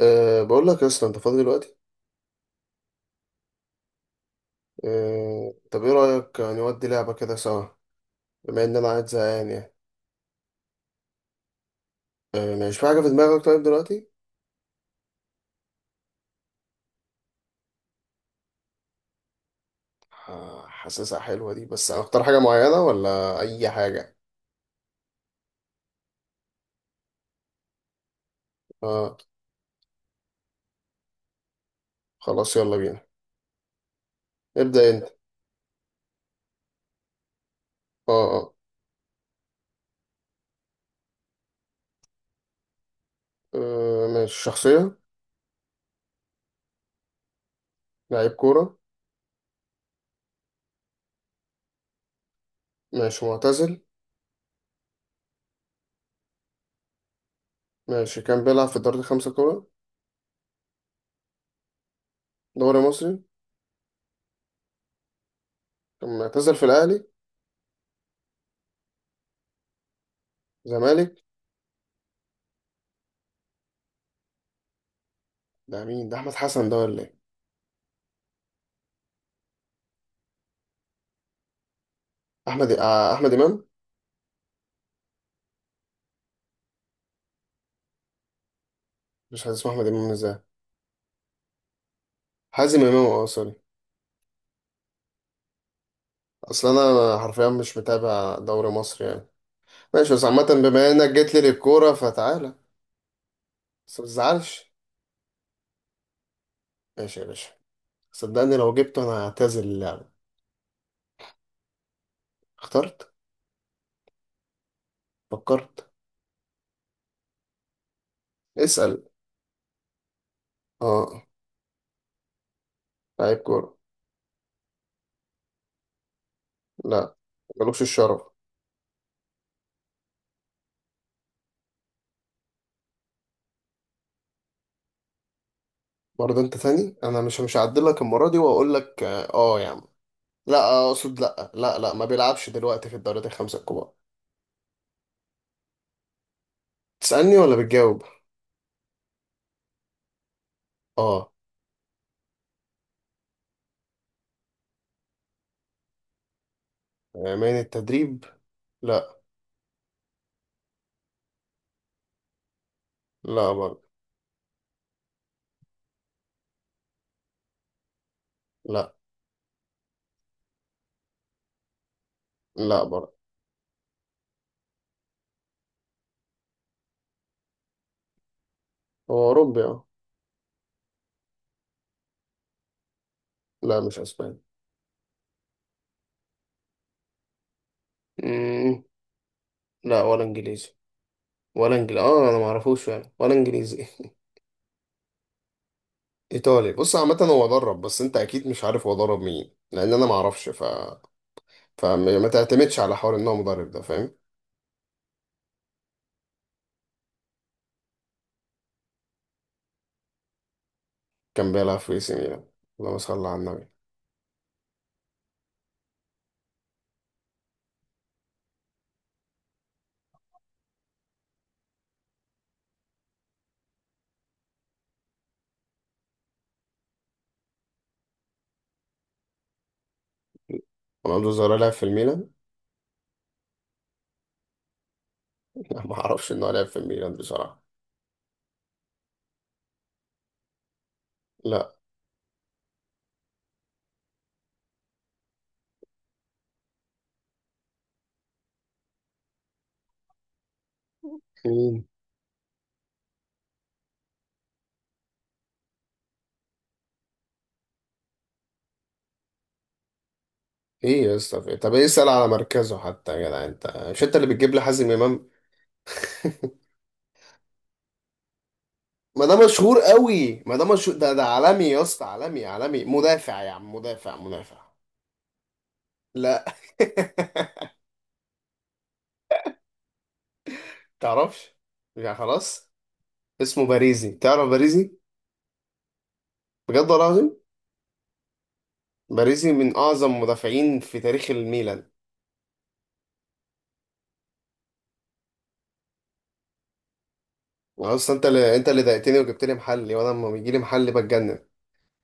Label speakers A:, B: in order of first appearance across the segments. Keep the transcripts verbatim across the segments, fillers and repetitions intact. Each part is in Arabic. A: أه بقول لك يا اسطى، انت فاضي دلوقتي؟ أه طب ايه رأيك نودي لعبة كده سوا؟ بما ان انا قاعد زهقان يعني. أه مش في حاجة في دماغك طيب دلوقتي؟ ح- حاسسها حلوة دي، بس هنختار حاجة معينة ولا اي حاجة؟ اه خلاص يلا بينا. ابدأ انت. اه اه. آه، ماشي شخصية. لعيب كورة. ماشي معتزل. ماشي كان بيلعب في الدوري الخمسة كورة. دوري مصري. كان معتزل في الاهلي. زمالك. ده مين ده، احمد حسن ده ولا ايه؟ احمد، آه، احمد امام. مش عايز اسمه احمد امام ازاي؟ حازم امام، اه سوري. اصل انا حرفيا مش متابع دوري مصر يعني. ماشي، بس عامة بما انك جيت لي للكورة فتعالى. بس ما تزعلش. ماشي يا باشا. صدقني لو جبته انا هعتزل اللعبة. اخترت. فكرت. اسأل. اه. لعيب كورة. لا، ملوكش الشرف. برضه انت تاني، انا مش مش هعدلك المرة دي واقول لك اه آه يا عم. لا آه، اقصد لا لا لا، ما بيلعبش دلوقتي في الدوريات الخمسة الكبار. تسألني ولا بتجاوب؟ اه آه، من التدريب. لا. لا برضه. لا، لا برضه. هو أوروبي أه. لا مش أسباني. مم. لا ولا إنجليزي. ولا إنجليزي، أه أنا معرفوش فعلا ولا إنجليزي. إيطالي، بص عامة هو ضرب، بس أنت أكيد مش عارف هو ضرب مين، لأن أنا معرفش ف... فما ما تعتمدش على حوار إن هو مدرب ده، فاهم. كان بيلعب في إي سي ميلان. اللهم صل على النبي. رونالدو الظاهرة لعب في الميلان؟ لا معرفش إن هو لعب في الميلان بصراحة. لا. مين؟ إيه يا اسطى، في- إيه؟ طب إيه، اسأل على مركزه حتى يا جدع، أنت مش أنت اللي بتجيب لي حازم إمام؟ ما ده مشهور قوي، ما ده مشهور، ده ده عالمي يا اسطى، عالمي عالمي. مدافع يا عم، مدافع مدافع. لا. تعرفش؟ يعني خلاص. اسمه باريزي، تعرف باريزي؟ بجد والله العظيم. باريزي من اعظم مدافعين في تاريخ الميلان. اصلا انت اللي، انت اللي ضايقتني وجبت لي محلي، وانا لما بيجي لي محلي بتجنن.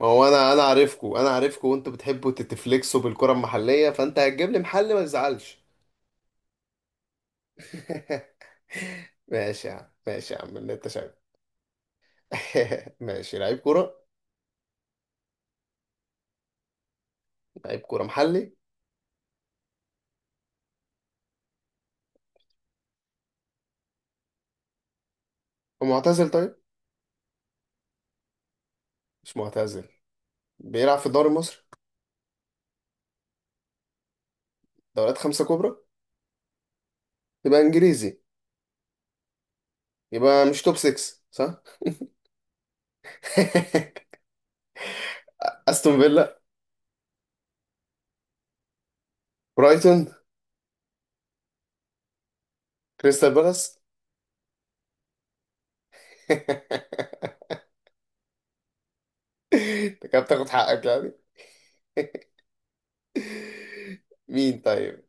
A: ما هو انا، انا عارفكو، انا عارفكو، وانتوا بتحبوا تتفلكسوا بالكرة المحلية، فانت هتجيب لي محلي، ما تزعلش. ماشي يا عم، ماشي يا عم اللي انت شايفه. ماشي. لعيب كورة. لعيب كورة محلي. ومعتزل طيب. مش معتزل. بيلعب في الدوري المصري. دوريات خمسة كبرى. يبقى انجليزي. يبقى مش توب ستة صح؟ استون فيلا. برايتون. كريستال بالاس. انت كده بتاخد حقك يعني. مين طيب؟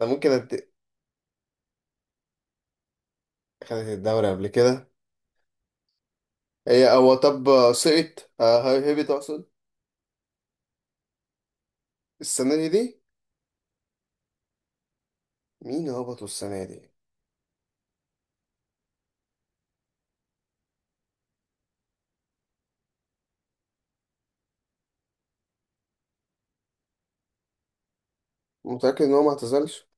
A: انا ممكن أد... خدت الدوري قبل كده. هي هو طب سقط، آه، هي- هبط اقصد. السنة دي دي. مين هبطوا السنة دي؟ متأكد ان هو ما اعتزلش؟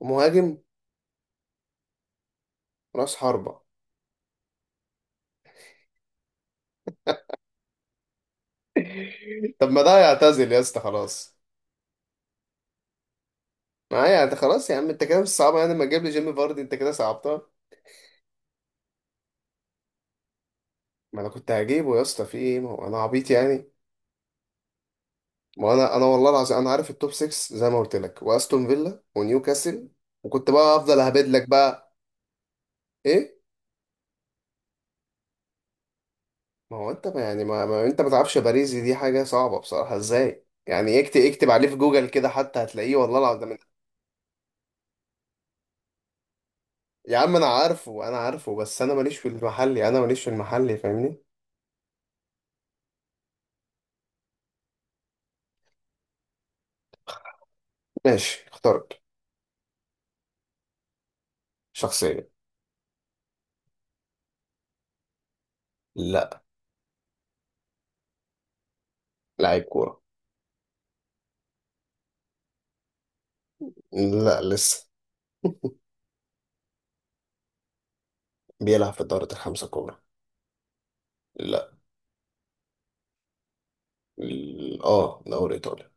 A: مهاجم. راس حربة. طب ما ده يعتزل يا اسطى خلاص. ما هي يعني انت، خلاص يا عم، انت كده مش صعبة يعني، لما تجيب لي جيمي فاردي انت كده صعبتها. ما انا كنت هجيبه يا اسطى، في ايه، ما هو انا عبيط يعني؟ ما هو انا انا والله العظيم انا عارف التوب ستة زي ما قلت لك، واستون فيلا ونيوكاسل، وكنت بقى افضل اهبد لك بقى. ايه ما هو انت ما يعني، ما, ما انت ما تعرفش باريزي؟ دي حاجة صعبة بصراحة ازاي يعني؟ اكتب اكتب عليه في جوجل كده حتى هتلاقيه والله العظيم من-. يا عم انا عارفه، انا عارفه، بس انا ماليش في المحلي، انا ماليش في المحلي، فاهمني. ماشي اخترت. شخصية. لا. لاعب كورة. لا لسه. بيلعب في الدوري الخمسة الكبرى. لا. ال- اه دوري ايطالي.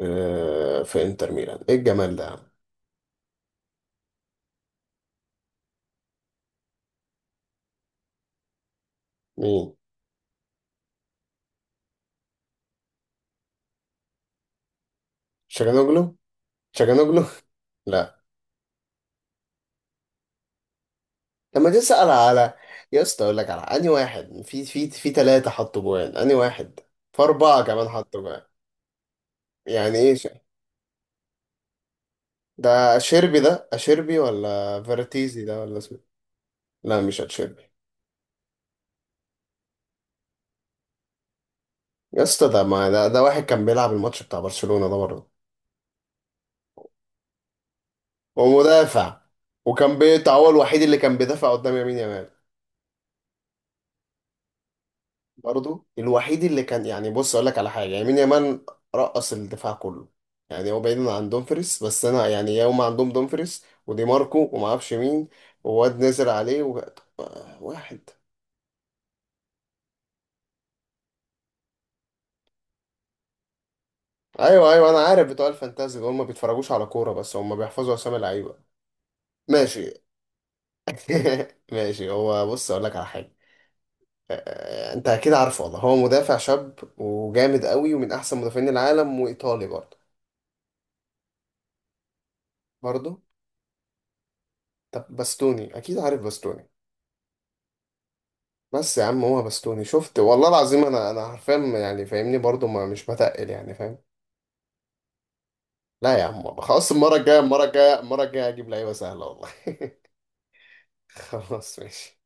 A: آه في انتر ميلان، ايه الجمال ده يا عم. مين؟ شاجانوجلو. شاجانوجلو. لا. لما تسأل على، يا اسطى اقول لك على انهي واحد، في في في ثلاثة حطوا جوان انهي واحد؟ في أربعة كمان حطوا جوان. يعني ايه ش... ده اشيربي، ده اشيربي ولا فيرتيزي ده ولا اسمه؟ لا مش اتشيربي. يا اسطى ده ما ده, ده واحد كان بيلعب الماتش بتاع برشلونة ده برضه. ومدافع. وكان بي- هو الوحيد اللي كان بيدافع قدام يمين يامال. برضو الوحيد اللي كان يعني، بص اقول لك على حاجه، يعني مين يمان؟ رقص الدفاع كله. يعني هو بعيد عن دومفريس، بس انا يعني يوم عندهم دومفريس ودي ماركو وما اعرفش مين، وواد نزل عليه و... واحد. ايوه ايوه انا عارف، بتوع الفانتازي دول ما بيتفرجوش على كوره، بس هم بيحفظوا اسامي لعيبه. ماشي. ماشي، هو بص اقول لك على حاجه. آه، آه، انت اكيد عارفه والله، هو مدافع شاب وجامد قوي، ومن احسن مدافعين العالم، وايطالي برضه. برضه. طب باستوني، اكيد عارف باستوني. بس يا عم هو بستوني شفت، والله العظيم انا، انا حرفيا يعني فاهمني، برضو ما مش بتقل يعني، فاهم. لا يا عم خلاص، المره الجايه، المره الجايه، المره الجايه اجيب لعيبه سهله والله. خلاص ماشي.